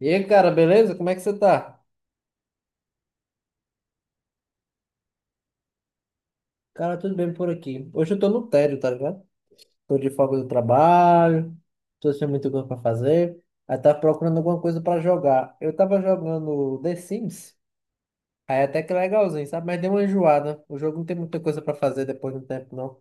E aí, cara, beleza? Como é que você tá? Cara, tudo bem por aqui. Hoje eu tô no tédio, tá ligado? Tô de folga do trabalho, tô sem muita coisa pra fazer. Aí tava procurando alguma coisa pra jogar. Eu tava jogando The Sims, aí é até que legalzinho, sabe? Mas deu uma enjoada. O jogo não tem muita coisa pra fazer depois de um tempo, não.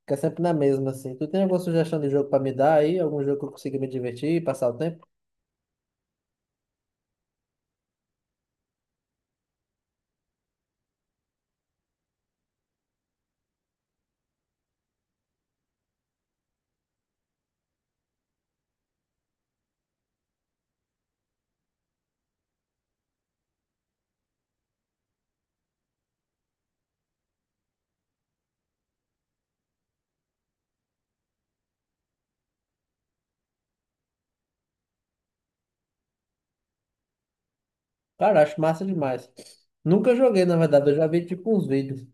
Fica sempre na mesma, assim. Tu tem alguma sugestão de jogo pra me dar aí? Algum jogo que eu consiga me divertir, passar o tempo? Cara, acho massa demais. Nunca joguei, na verdade. Eu já vi, tipo, uns vídeos.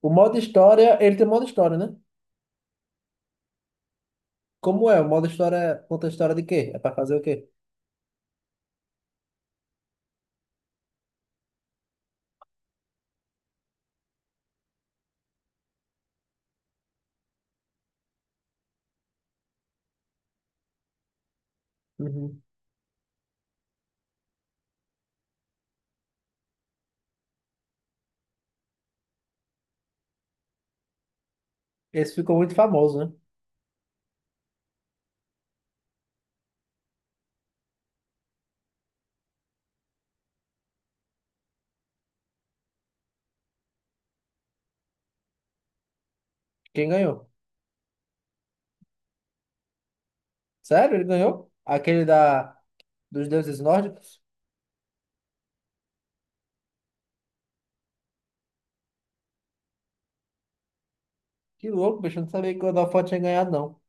O modo história, ele tem modo história, né? Como é? O modo história conta a história de quê? É pra fazer o quê? Uhum. Esse ficou muito famoso, né? Quem ganhou? Sério? Ele ganhou? Aquele da dos deuses nórdicos? Que louco, bicho. Eu não sabia que o Godofó tinha ganhado, não.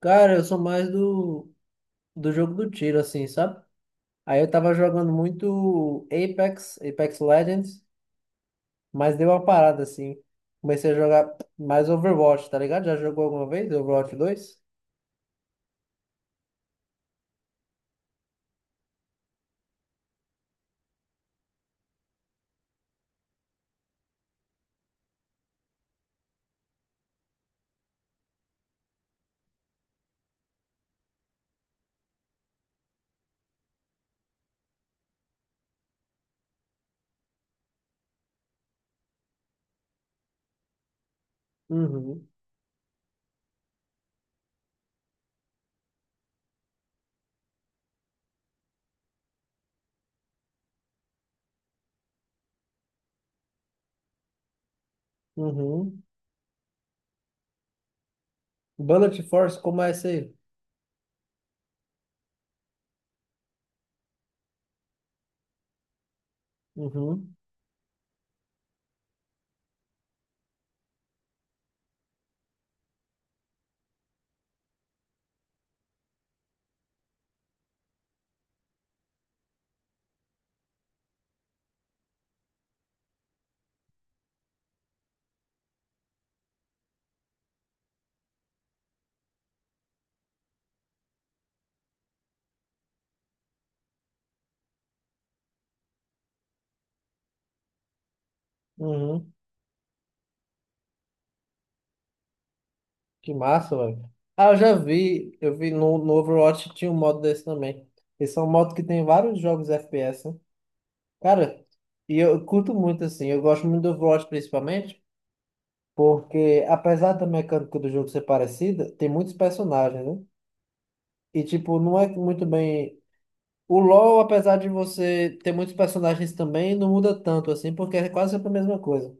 Cara, eu sou mais do jogo do tiro, assim, sabe? Aí eu tava jogando muito Apex, Apex Legends, mas deu uma parada, assim. Comecei a jogar mais Overwatch, tá ligado? Já jogou alguma vez Overwatch 2. Uhum, uhum. Bullet Force, como é esse aí? Uhum. Uhum. Que massa, velho. Ah, eu já vi, eu vi no Overwatch tinha um modo desse também. Esse é um modo que tem vários jogos FPS, né? Cara, e eu curto muito assim, eu gosto muito do Overwatch principalmente, porque apesar da mecânica do jogo ser parecida, tem muitos personagens, né? E tipo, não é muito bem. O LoL, apesar de você ter muitos personagens também, não muda tanto assim, porque é quase sempre a mesma coisa.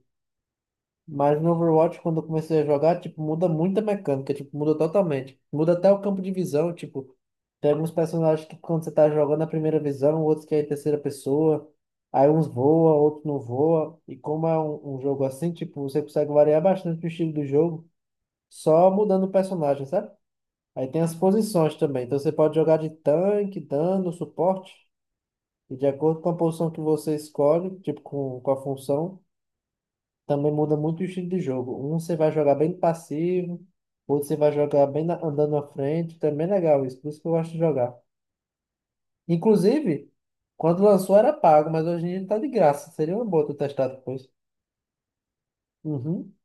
Mas no Overwatch, quando eu comecei a jogar, tipo, muda muito a mecânica, tipo, muda totalmente. Muda até o campo de visão, tipo, tem alguns personagens que quando você tá jogando a primeira visão, outros que é em terceira pessoa, aí uns voa, outros não voa. E como é um jogo assim, tipo, você consegue variar bastante o estilo do jogo, só mudando o personagem, sabe? Aí tem as posições também, então você pode jogar de tanque, dano, suporte, e de acordo com a posição que você escolhe, tipo, com a função também muda muito o estilo de jogo. Um você vai jogar bem passivo, outro você vai jogar bem na- andando na frente. Também é legal isso, por isso que eu gosto de jogar. Inclusive, quando lançou era pago, mas hoje em dia tá de graça. Seria uma boa tu testar depois. Uhum.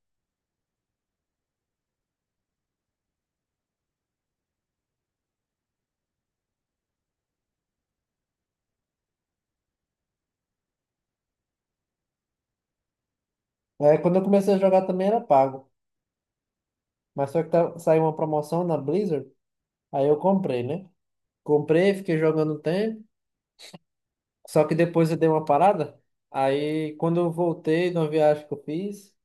É, quando eu comecei a jogar também era pago, mas só que tá- saiu uma promoção na Blizzard, aí eu comprei, né? Comprei, fiquei jogando um tempo, só que depois eu dei uma parada. Aí quando eu voltei de uma viagem que eu fiz,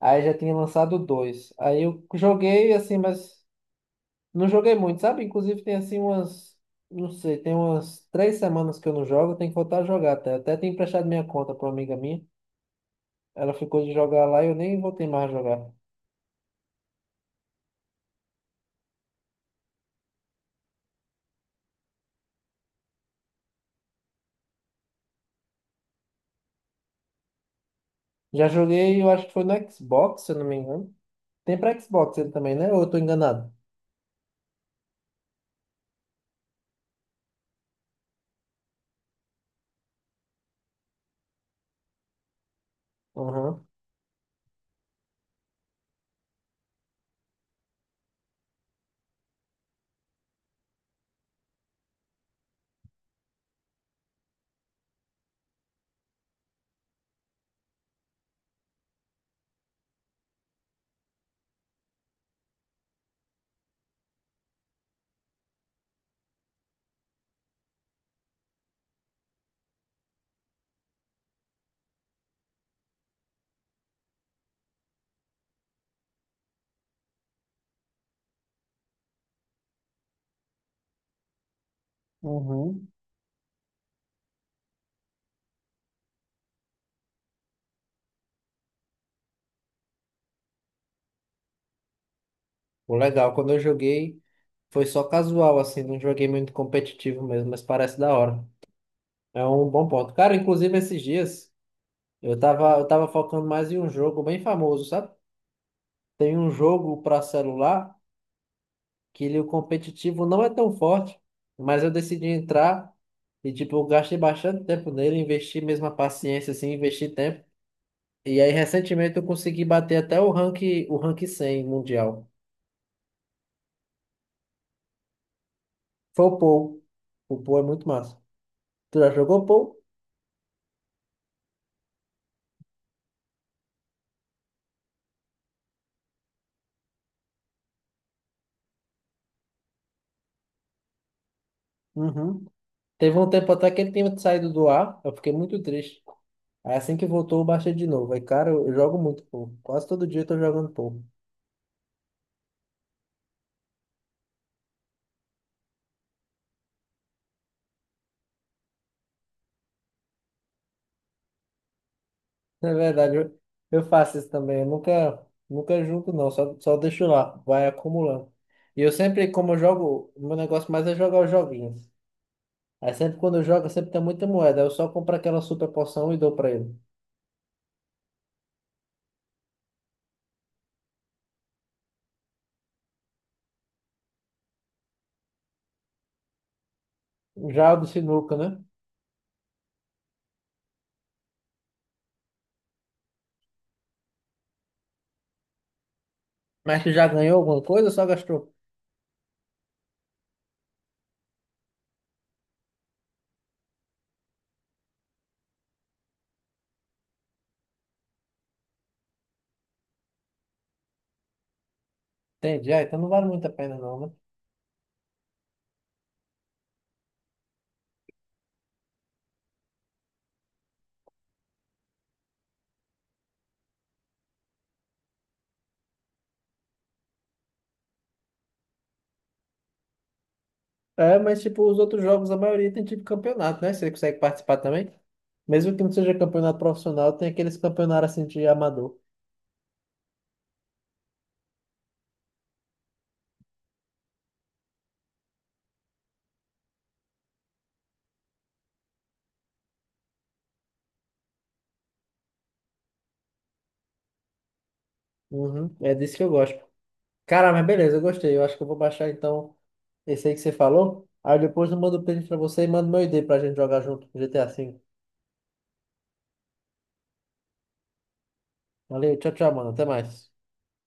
aí já tinha lançado dois. Aí eu joguei assim, mas não joguei muito, sabe? Inclusive tem assim umas, não sei, tem umas 3 semanas que eu não jogo, tem que voltar a jogar até. Até tenho emprestado minha conta para uma amiga minha. Ela ficou de jogar lá e eu nem voltei mais a jogar. Já joguei, eu acho que foi no Xbox, se eu não me engano. Tem para Xbox ele também, né? Ou eu tô enganado? Uhum. Uhum. Pô, legal, quando eu joguei foi só casual, assim, não joguei muito competitivo mesmo, mas parece da hora. É um bom ponto. Cara, inclusive esses dias eu tava focando mais em um jogo bem famoso, sabe? Tem um jogo para celular que ele, o competitivo não é tão forte, mas eu decidi entrar e, tipo, eu gastei bastante tempo nele, investi mesmo a paciência, assim, investi tempo. E aí, recentemente, eu consegui bater até o rank 100 mundial. Foi o Pou. O Pou é muito massa. Tu já jogou Pou? Uhum. Teve um tempo até que ele tinha saído do ar, eu fiquei muito triste. Aí, assim que voltou, eu baixei de novo. Aí, cara, eu jogo muito Pou. Quase todo dia eu tô jogando Pou. Na verdade, eu faço isso também. Eu nunca junto, não. Só deixo lá. Vai acumulando. E eu sempre, como eu jogo, o meu negócio mais é jogar os joguinhos. Aí sempre quando eu jogo, sempre tem muita moeda. Eu só compro aquela super poção e dou pra ele. Já o do sinuca, né? Mas tu já ganhou alguma coisa ou só gastou? Entendi. Ah, então não vale muito a pena, não, né? É, mas tipo, os outros jogos, a maioria tem tipo campeonato, né? Você consegue participar também? Mesmo que não seja campeonato profissional, tem aqueles campeonatos assim de amador. Uhum. É disso que eu gosto. Cara, mas beleza, eu gostei. Eu acho que eu vou baixar então esse aí que você falou. Aí depois eu mando o print pra você e mando meu ID pra gente jogar junto com GTA V. Valeu, tchau, tchau, mano. Até mais.